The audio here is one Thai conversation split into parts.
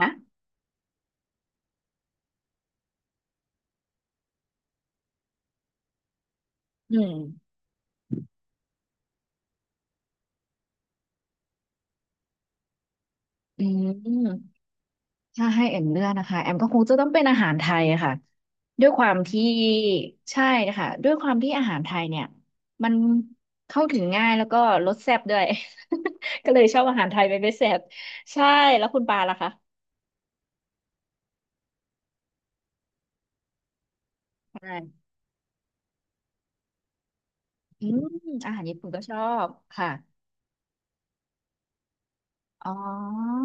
ฮะอืมอืมถ้าให้แอมเลือกนะคะแอมก็คงจะต้องเป็นอาหารไทยอะค่ะด้วยความที่ ใช่นะคะ ด้วยความที่อาหารไทยเนี่ย มันเข้าถึงง่ายแล้วก็รสแซ่บด้วย ก็เลยชอบอาหารไทยเป็นพิเศษใช่แล้วคุณปาล่ะคะใช่อืมอาหารญี่ปุ่นก็ชอบค่ะ อ๋อ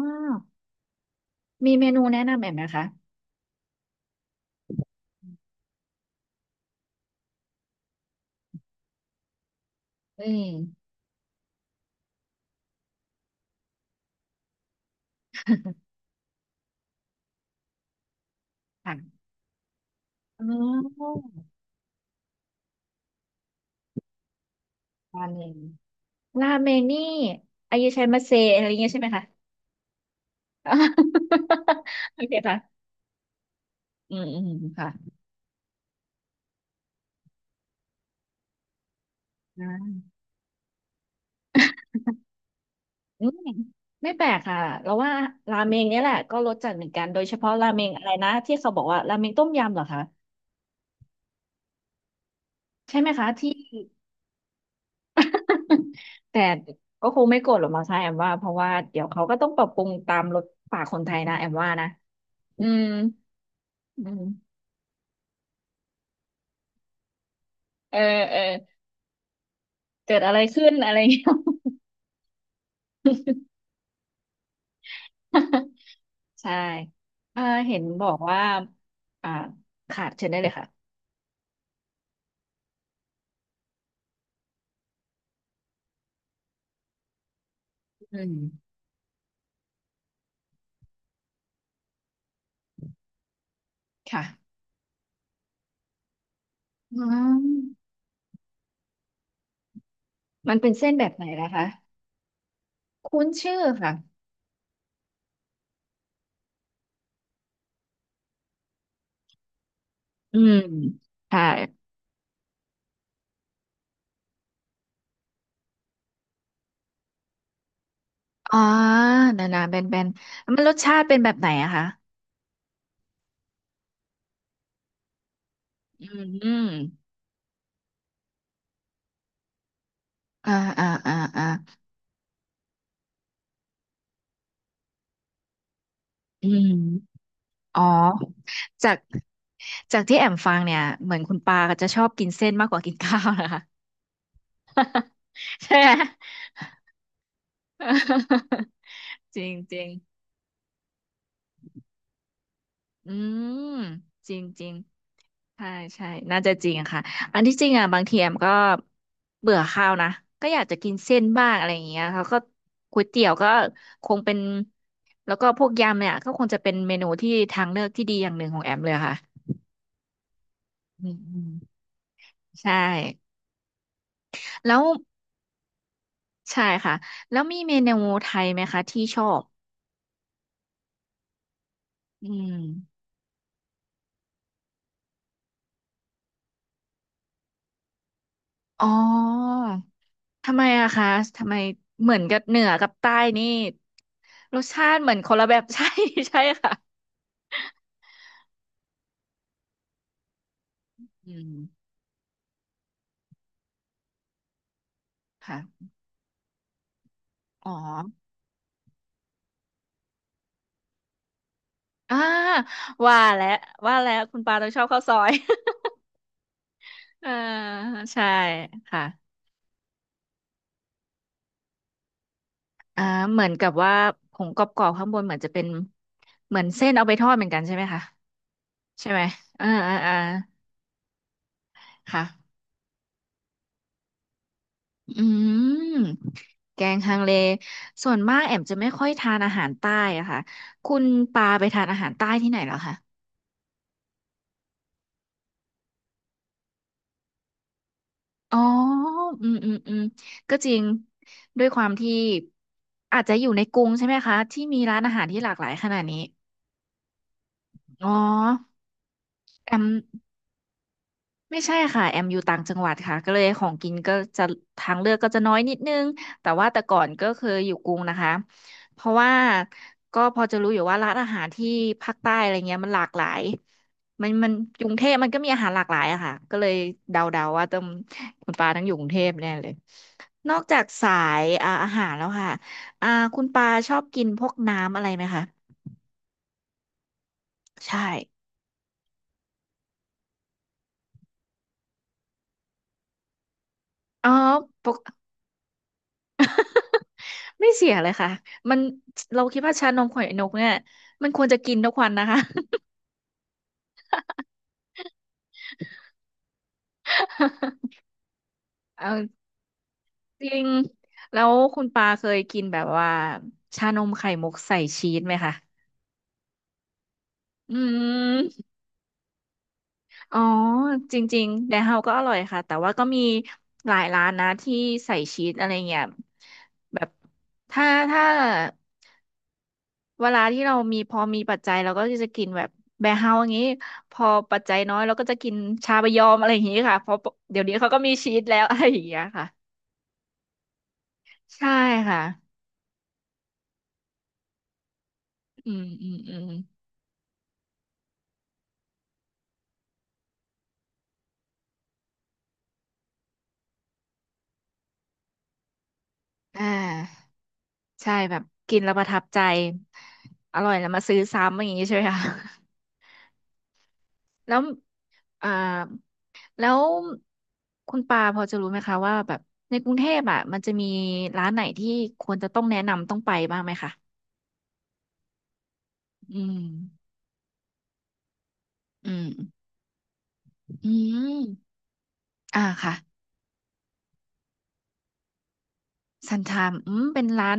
มีเมนูแนะนำแอมไหมคะอืม ค่ะอ๋ออันหน่ง ราเมนนี่อายุชัยมาเซอะไรเงี้ยใช่ไหมคะอ่า โอเคค่ะอืมอืมค่ะอ่าอืมไม่แปลกค่ะเราว่าราเมงเนี่ยแหละก็รสจัดเหมือนกันโดยเฉพาะราเมงอะไรนะที่เขาบอกว่าราเมงต้มยำเหรอคะใช่ไหมคะที่ แต่ก็คงไม่โกรธหรอกมั้งคะแอมว่าเพราะว่าเดี๋ยวเขาก็ต้องปรับปรุงตามรสปากคนไทยนะแอมว่านะอืมอืมเออเออเกิดอะไรขึ้นอะไรอย่างเงี้ย ใช่อ่าเห็นบอกว่าอ่าค่ะเชิญได้เลยค่ะอืมค่ะอืมมันเป็นเส้นแบบไหนล่ะคะคุ้นชื่อค่ะ อืมค่ะอ๋อหนาๆแบนๆมันรสชาติเป็นแบบไหนอะคะอืมอืมอ่าอ่าอ่าอ่าอืมอ๋อ จากจากที่แอมฟังเนี่ยเหมือนคุณปาก็จะชอบกินเส้นมากกว่ากินข้าวนะคะ ใช่ไหม จริงจริง อืมจริงจริงใช่ใช่น่าจะจริงอะค่ะอันที่จริงอ่ะบางทีแอมก็เบื่อข้าวนะก็อยากจะกินเส้นบ้างอะไรอย่างเงี้ยเขาก็ก๋วยเตี๋ยวก็คงเป็นแล้วก็พวกยำเนี่ยก็คงจะเป็นเมนูที่ทางเลือกที่ดีอย่างหนึ่งของแอมเลยค่ะอืมอืมใช่แล้วใช่ค่ะแล้วมีเมนูไทยไหมคะที่ชอบอืมอ๋อทำไมอะคะทำไมเหมือนกับเหนือกับใต้นี่ รสชาติเหมือนคนละแบบ ใช่ใช่ค่ะอืมค่ะอ๋ออ่าว่าแล้วว่าแล้วคุณปาต้องชอบข้าวซอย อ่าใช่ค่ะอ่าเหมือนกับว่าผงกรอบๆข้างบนเหมือนจะเป็นเหมือนเส้นเอาไปทอดเหมือนกันใช่ไหมคะใช่ไหมอ่าอ่าอ่าค่ะอืมแกงฮังเลส่วนมากแอมจะไม่ค่อยทานอาหารใต้อะค่ะคุณปาไปทานอาหารใต้ที่ไหนเหรอคะ อ๋ออืมอืมอืมก็จริงด้วยความที่อาจจะอยู่ในกรุงใช่ไหมคะที่มีร้านอาหารที่หลากหลายขนาดนี้อ๋อแอมไม่ใช่ค่ะ แอมอยู่ต่างจังหวัดค่ะก็เลยของกินก็จะทางเลือกก็จะน้อยนิดนึงแต่ว่าแต่ก่อนก็เคยอยู่กรุงนะคะ เพราะว่าก็พอจะรู้อยู่ว่าร้านอาหารที่ภาคใต้อะไรเงี้ยมันหลากหลายมันกรุงเทพมันก็มีอาหารหลากหลายอะค่ะก็เลยเดาๆว่าต้องคุณปาต้องอยู่กรุงเทพแน่เลย นอกจากสายอ่าอาหารแล้วค่ะอ่าคุณปาชอบกินพวกน้ำอะไรไหมคะใช่อ๋อปกไม่เสียเลยค่ะ มันเราคิดว่าชานมไข่นกเนี่ยมันควรจะกินทุกวันนะคะ เอาจริง แล้วคุณปาเคยกินแบบว่าชานมไข่มุกใส่ชีสไหมคะอืมอ๋อจริงๆแดนเฮาก็อร่อยค่ะ แต่ว่าก็มีหลายร้านนะที่ใส่ชีสอะไรเงี้ยแบบถ้าถ้า เวลาที่เรามีพอมีปัจจัยเราก็จะกินแบบแบร์เฮาส์อย่างนี้พอปัจจัยน้อยเราก็จะกินชาบะยอมอะไรอย่างนี้ค่ะเพราะเดี๋ยวนี้เขาก็มีชีสแล้ว อะไรอย่างเงี้ยค่ะใช่ค่ะอืมอืมอืมอ่าใช่แบบกินแล้วประทับใจอร่อยแล้วมาซื้อซ้ำอย่างนี้ใช่ไหมคะ แล้วอ่าแล้วคุณปาพอจะรู้ไหมคะว่าแบบในกรุงเทพอ่ะมันจะมีร้านไหนที่ควรจะต้องแนะนำต้องไปบ้างไหมคะอืมอืมอืม อ่าค่ะซันทามอืมเป็นร้าน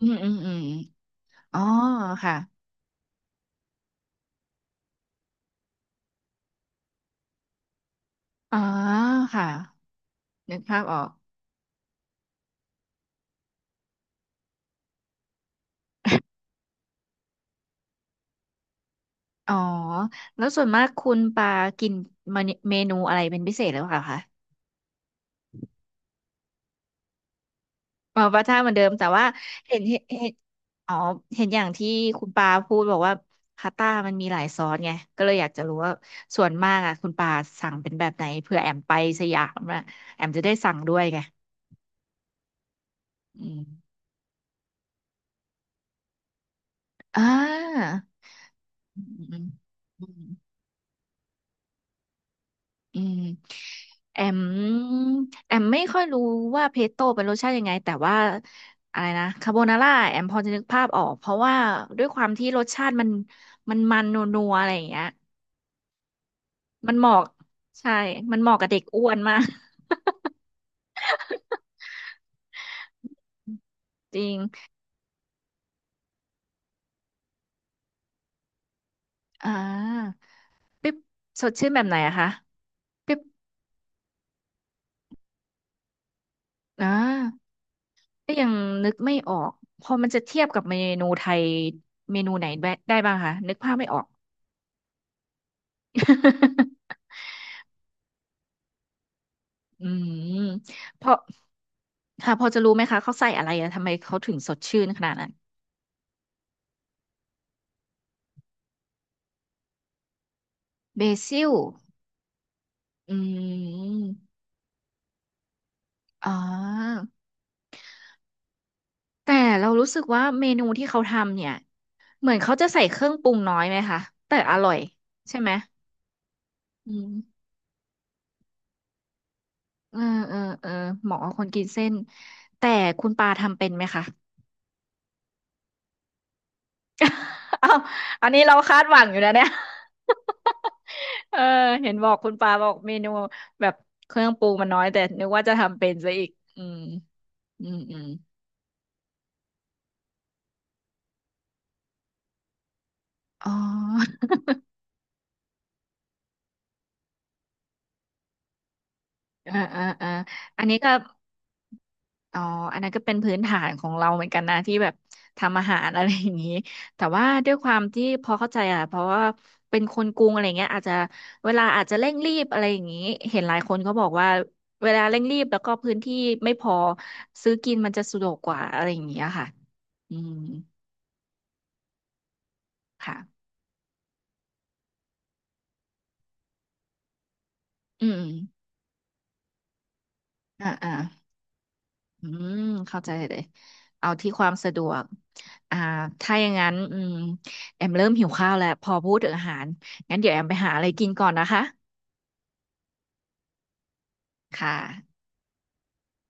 อืมอืมอืมอ๋อค่ะอ๋อค่ะนึกภาพออกอ๋อแล้วส่วนมากคุณปากินเมนูอะไรเป็นพิเศษหรือเปล่าคะอ๋อปลาท่าเหมือนเดิมแต่ว่าเห็นเห็นเห็นอ๋อเห็นอย่างที่คุณปาพูดบอกว่าพาสต้ามันมีหลายซอสไงก็เลยอยากจะรู้ว่าส่วนมากอ่ะคุณปาสั่งเป็นแบบไหนเผื่อแอมไปสยามอะแอมจะได้สั่งด้วยไงอืมอ่าอืมอืมอืม อืมแอมแอมไม่ค่อยรู้ว่าเพสโต้เป็นรสชาติยังไงแต่ว่าอะไรนะคาโบนาร่าแอมพอจะนึกภาพออกเพราะว่าด้วยความที่รสชาติมันนัวๆอะไรอย่างเงี้ยมันเหมาะใช่มันเหมาะกับเด็กอ้วนมาก อ่าปิ๊บสดชื่นแบบไหนอะคะปิ๊บอ่าก็ยังนึกไม่ออกพอมันจะเทียบกับเมนูไทยเมนูไหนได้บ้างคะนึกภาพไม่ออก อืมเพราะ ค่ะพอจะรู้ไหมคะเขาใส่อะไรอะทำไมเขาถึงสดชื่นขนาดนั้นเบซิลอืมอ๋อ แต่เรารู้สึกว่าเมนูที่เขาทำเนี่ยเหมือนเขาจะใส่เครื่องปรุงน้อยไหมคะแต่อร่อยใช่ไหมอืมเออเออเหมาะกับคนกินเส้นแต่คุณปาทำเป็นไหมคะ อ้าวอันนี้เราคาดหวังอยู่นะเนี่ย เออเห็นบอกคุณปาบอกเมนูแบบเครื่องปรุงมันน้อยแต่นึกว่าจะทำเป็นซะอีกอืมอืมอืม อ๋อ อ่าอ่าอ่าอันนี้ก็อ๋ออันนั้นก็เป็นพื้นฐานของเราเหมือนกันนะที่แบบทำอาหารอะไรอย่างนี้แต่ว่าด้วยความที่พอเข้าใจอ่ะเพราะว่าเป็นคนกรุงอะไรเงี้ยอาจจะเวลาอาจจะเร่งรีบอะไรอย่างนี้เห็นหลายคนเขาบอกว่าเวลาเร่งรีบแล้วก็พื้นที่ไม่พอซื้อกินมันจะสะดวกกว่าอะไรอย่างเงี้ยค่ะอืมค่ะอืมอ่าอ่า อืมเข้าใจเลยเอาที่ความสะดวกอ่าถ้าอย่างนั้นอืมแอมเริ่มหิวข้าวแล้วพอพูดถึงอาหารงั้นเดี๋ยวแอมไปหาอะไรกินก่อนนะคะค่ะ